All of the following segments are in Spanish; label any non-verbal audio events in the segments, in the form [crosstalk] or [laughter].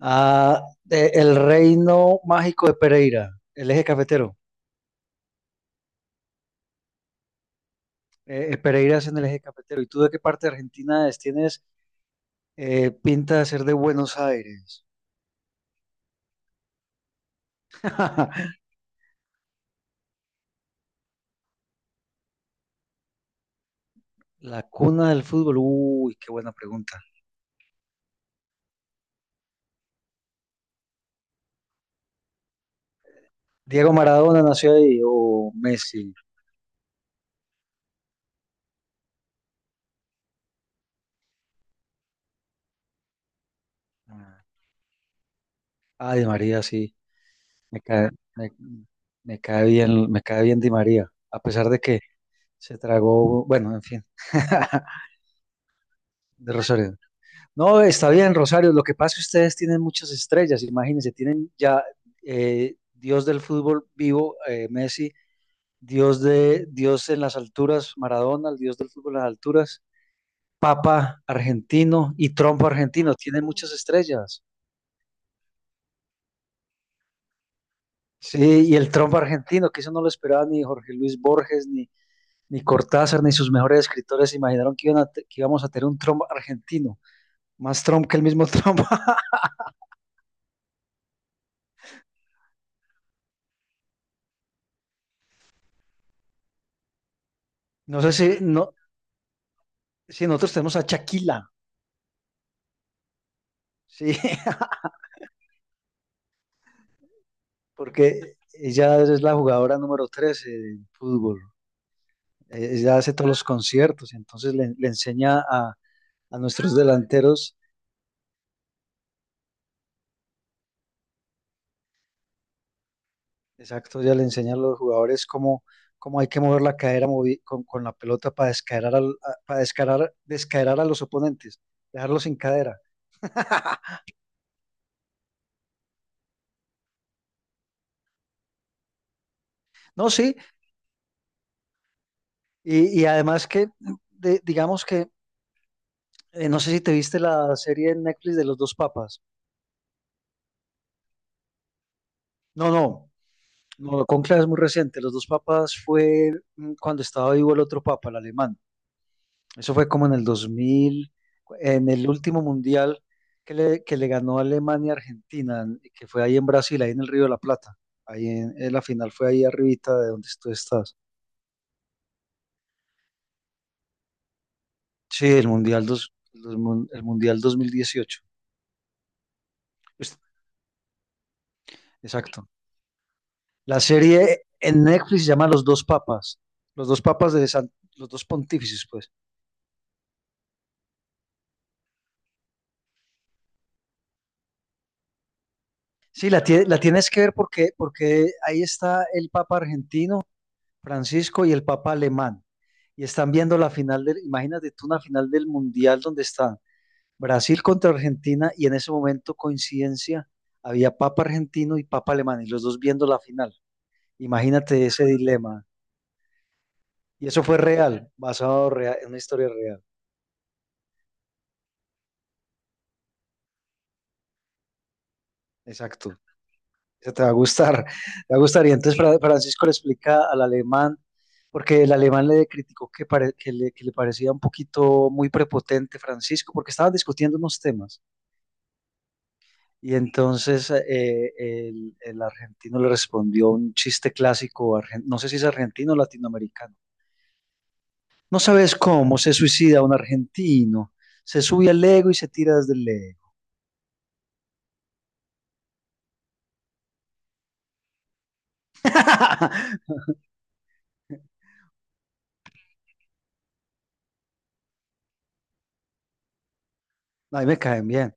El reino mágico de Pereira, el eje cafetero. Pereira es en el eje cafetero. ¿Y tú de qué parte de Argentina es? Tienes pinta de ser de Buenos Aires. [laughs] La cuna del fútbol. Uy, qué buena pregunta. ¿Diego Maradona nació ahí o Messi? Ah, ah, Di María, sí. Me cae, me, me cae bien, me cae bien Di María, a pesar de que se tragó, bueno, en fin. [laughs] De Rosario. No, está bien, Rosario. Lo que pasa es que ustedes tienen muchas estrellas, imagínense, tienen ya Dios del fútbol vivo, Messi, Dios de Dios en las alturas, Maradona, el Dios del fútbol en las alturas, Papa argentino y Trump argentino, tienen muchas estrellas. Sí, y el Trump argentino, que eso no lo esperaba ni Jorge Luis Borges, ni Cortázar, ni sus mejores escritores se imaginaron que que íbamos a tener un Trump argentino, más Trump que el mismo Trump. [laughs] No sé si, no, Si nosotros tenemos a Chaquila. Sí, [laughs] porque ella es la jugadora número 13 del fútbol. Ella hace todos los conciertos, entonces le enseña a nuestros delanteros. Exacto, ella le enseña a los jugadores cómo, cómo hay que mover la cadera con la pelota para descaerar, para descaerar, descaerar a los oponentes, dejarlos sin cadera. [laughs] No, sí, y además que, digamos que, no sé si te viste la serie en Netflix de Los dos papas. No, no. No, Conclave es muy reciente. Los dos papas fue, cuando estaba vivo el otro papa, el alemán. Eso fue como en el 2000, en el último mundial que le ganó Alemania a Argentina, que fue ahí en Brasil, ahí en el Río de la Plata. Ahí en la final fue ahí arribita de donde tú estás. Sí, el mundial, el mundial 2018. Pues, exacto. La serie en Netflix se llama Los dos papas. Los dos papas los dos pontífices, pues. Sí, la tienes que ver porque, porque ahí está el Papa argentino, Francisco, y el Papa alemán. Y están viendo la final del, imagínate tú, una final del Mundial donde está Brasil contra Argentina y en ese momento, coincidencia, había Papa argentino y Papa alemán y los dos viendo la final. Imagínate ese dilema. Y eso fue real, en una historia real. Exacto. Eso te va a gustar, [laughs] te va a gustar. Y entonces Francisco le explica al alemán, porque el alemán le criticó que que le parecía un poquito muy prepotente Francisco, porque estaban discutiendo unos temas. Y entonces el argentino le respondió un chiste clásico, no sé si es argentino o latinoamericano. No sabes cómo se suicida un argentino. Se sube al ego y se tira desde el ego. [laughs] Ahí me caen bien.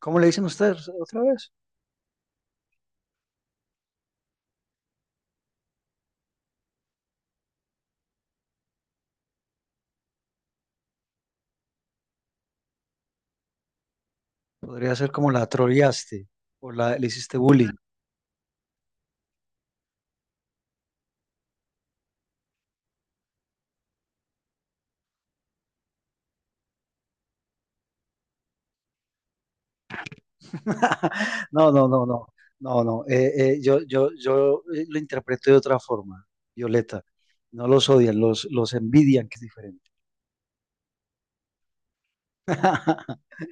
¿Cómo le dicen ustedes otra vez? Podría ser como la troleaste le hiciste bullying. [laughs] No, no, no, no, no, no. Yo lo interpreto de otra forma, Violeta. No los odian, los envidian, que es diferente. [laughs]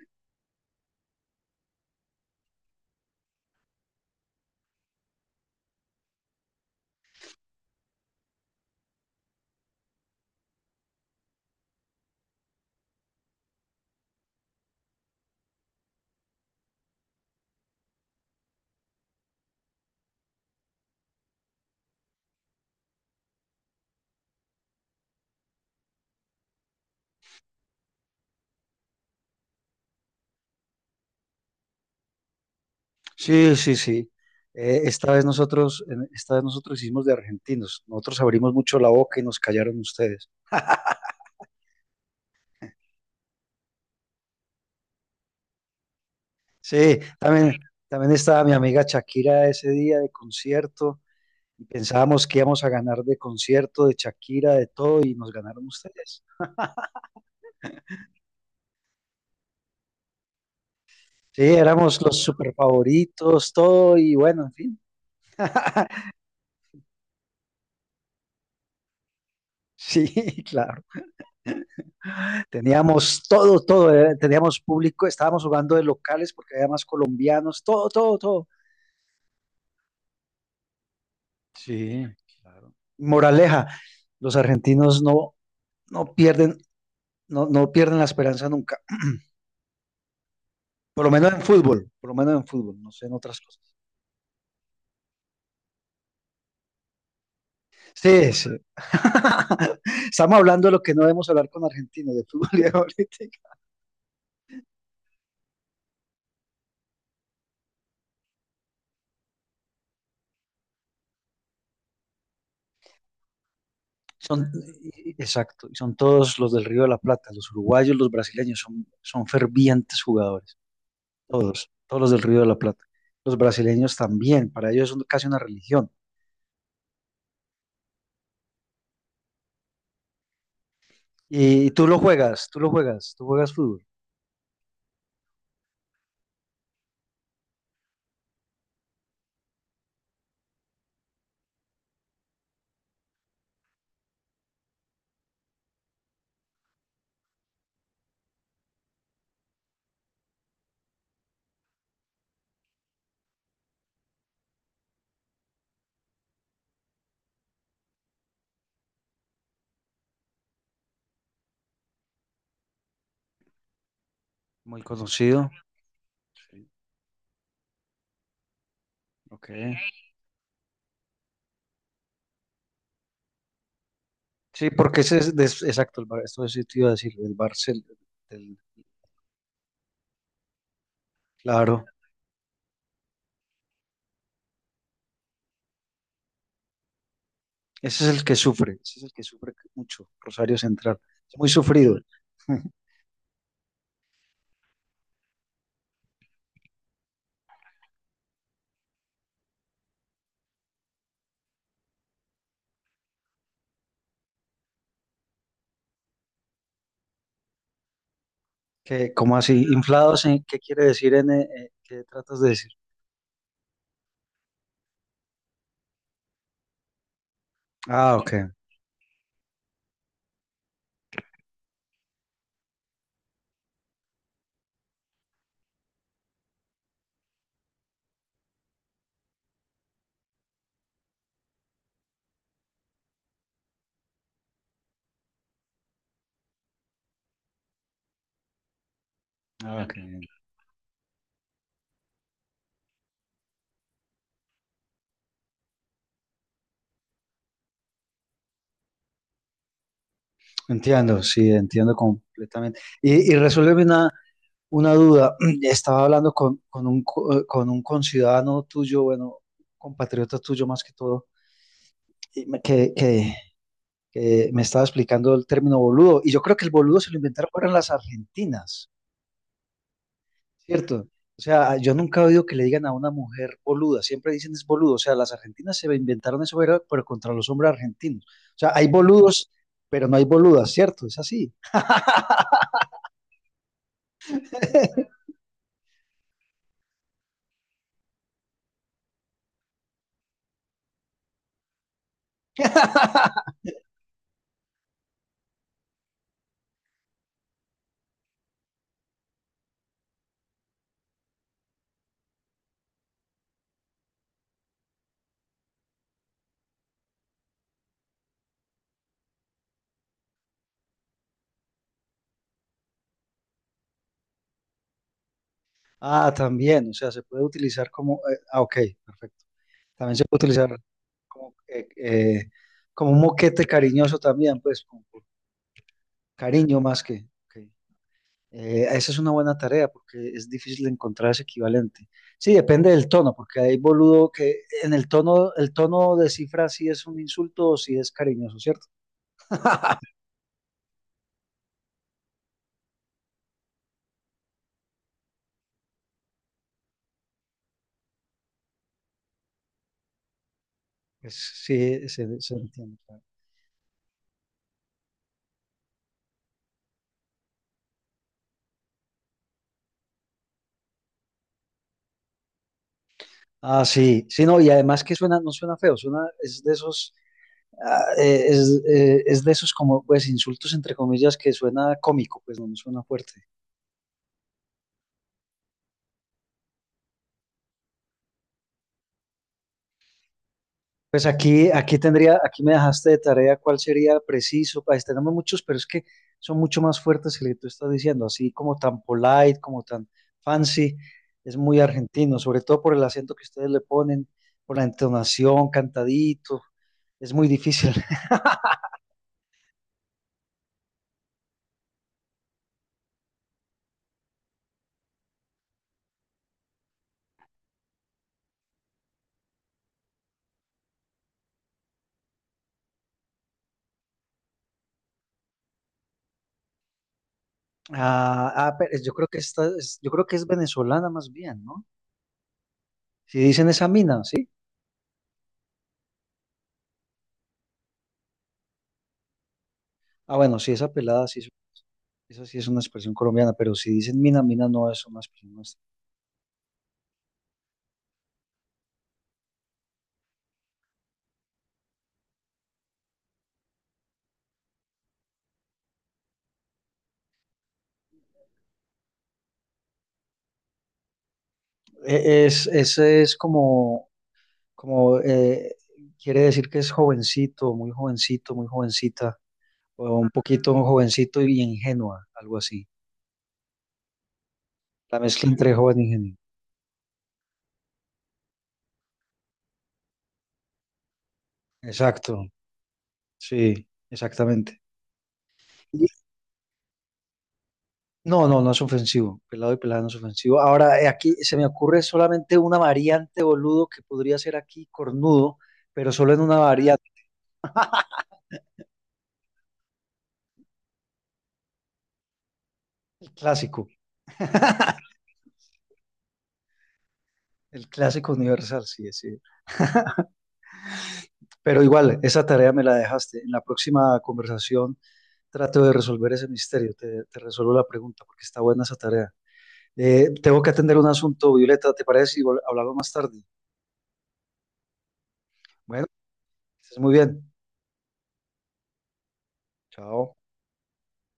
Sí, sí, sí. Esta vez nosotros hicimos de argentinos. Nosotros abrimos mucho la boca y nos callaron ustedes. [laughs] Sí, también, también estaba mi amiga Shakira ese día de concierto. Y pensábamos que íbamos a ganar de concierto, de Shakira, de todo, y nos ganaron ustedes. Sí, éramos los super favoritos, todo, y bueno, en fin. [laughs] Sí, claro. Teníamos todo, todo, teníamos público, estábamos jugando de locales porque había más colombianos, todo, todo, todo. Sí, claro. Moraleja, los argentinos no, no pierden, no pierden la esperanza nunca, por lo menos en fútbol, por lo menos en fútbol, no sé en otras cosas. Sí, sí. [laughs] Estamos hablando de lo que no debemos hablar con argentinos, de fútbol y de política. Son, y- exacto, y son todos los del Río de la Plata, los uruguayos, los brasileños, son, son fervientes jugadores, todos, todos los del Río de la Plata. Los brasileños también, para ellos es casi una religión. Y tú lo juegas, tú lo juegas, tú juegas fútbol, muy conocido. Sí, ok. Sí, porque ese es, exacto, esto sí te iba a decir, el- claro. Ese es el que sufre, ese es el que sufre mucho, Rosario Central. Es muy sufrido. [laughs] ¿Qué, cómo así? ¿Inflados? ¿Qué quiere decir en qué tratas de decir? Ah, ok. Ah, ok. Entiendo, sí, entiendo completamente. Y resuélveme una duda. [clears throat] Estaba hablando con, con un conciudadano tuyo, bueno, compatriota tuyo más que todo, y me- que, que, que me estaba explicando el término boludo. Y yo creo que el boludo se lo inventaron fueron las argentinas. Cierto. O sea, ah, yo nunca he oído que le digan a una mujer boluda, siempre dicen es boludo. O sea, las argentinas se inventaron eso, pero contra los hombres argentinos. O sea, hay boludos, pero no hay boludas, ¿cierto? Es así. [laughs] Ah, también. O sea, se puede utilizar como ok, perfecto. También se puede utilizar como, como un moquete cariñoso también, pues, como por cariño más que ok. Esa es una buena tarea porque es difícil encontrar ese equivalente. Sí, depende del tono, porque hay boludo que en el tono descifra si es un insulto o si es cariñoso, ¿cierto? [laughs] Pues sí, se entiende. Claro. Ah, sí, sí, no, y además que suena, no suena feo, suena, es de esos, es de esos como, pues, insultos entre comillas que suena cómico, pues no, no suena fuerte. Pues aquí, aquí tendría, aquí me dejaste de tarea cuál sería preciso. Pues tenemos muchos, pero es que son mucho más fuertes que el que tú estás diciendo, así como tan polite, como tan fancy. Es muy argentino, sobre todo por el acento que ustedes le ponen, por la entonación, cantadito. Es muy difícil. [laughs] Ah, ah, pero yo creo que esta es, yo creo que es venezolana más bien, ¿no? Si dicen esa mina, ¿sí? Ah, bueno, sí, esa pelada, sí, eso sí es una expresión colombiana, pero si dicen mina, mina no es una expresión nuestra. Es, ese es como, como quiere decir que es jovencito, muy jovencita, o un poquito jovencito y ingenua, algo así. La mezcla entre joven e ingenuo. Exacto, sí, exactamente. Y- No, no, no es ofensivo. Pelado y pelada no es ofensivo. Ahora, aquí se me ocurre solamente una variante, boludo, que podría ser aquí cornudo, pero solo en una variante, el clásico. [laughs] El clásico universal, sí, sí. Pero igual, esa tarea me la dejaste. En la próxima conversación trato de resolver ese misterio. Te resuelvo la pregunta porque está buena esa tarea. Tengo que atender un asunto, Violeta, ¿te parece? Y hablamos más tarde. Bueno, que estés muy bien. Chao.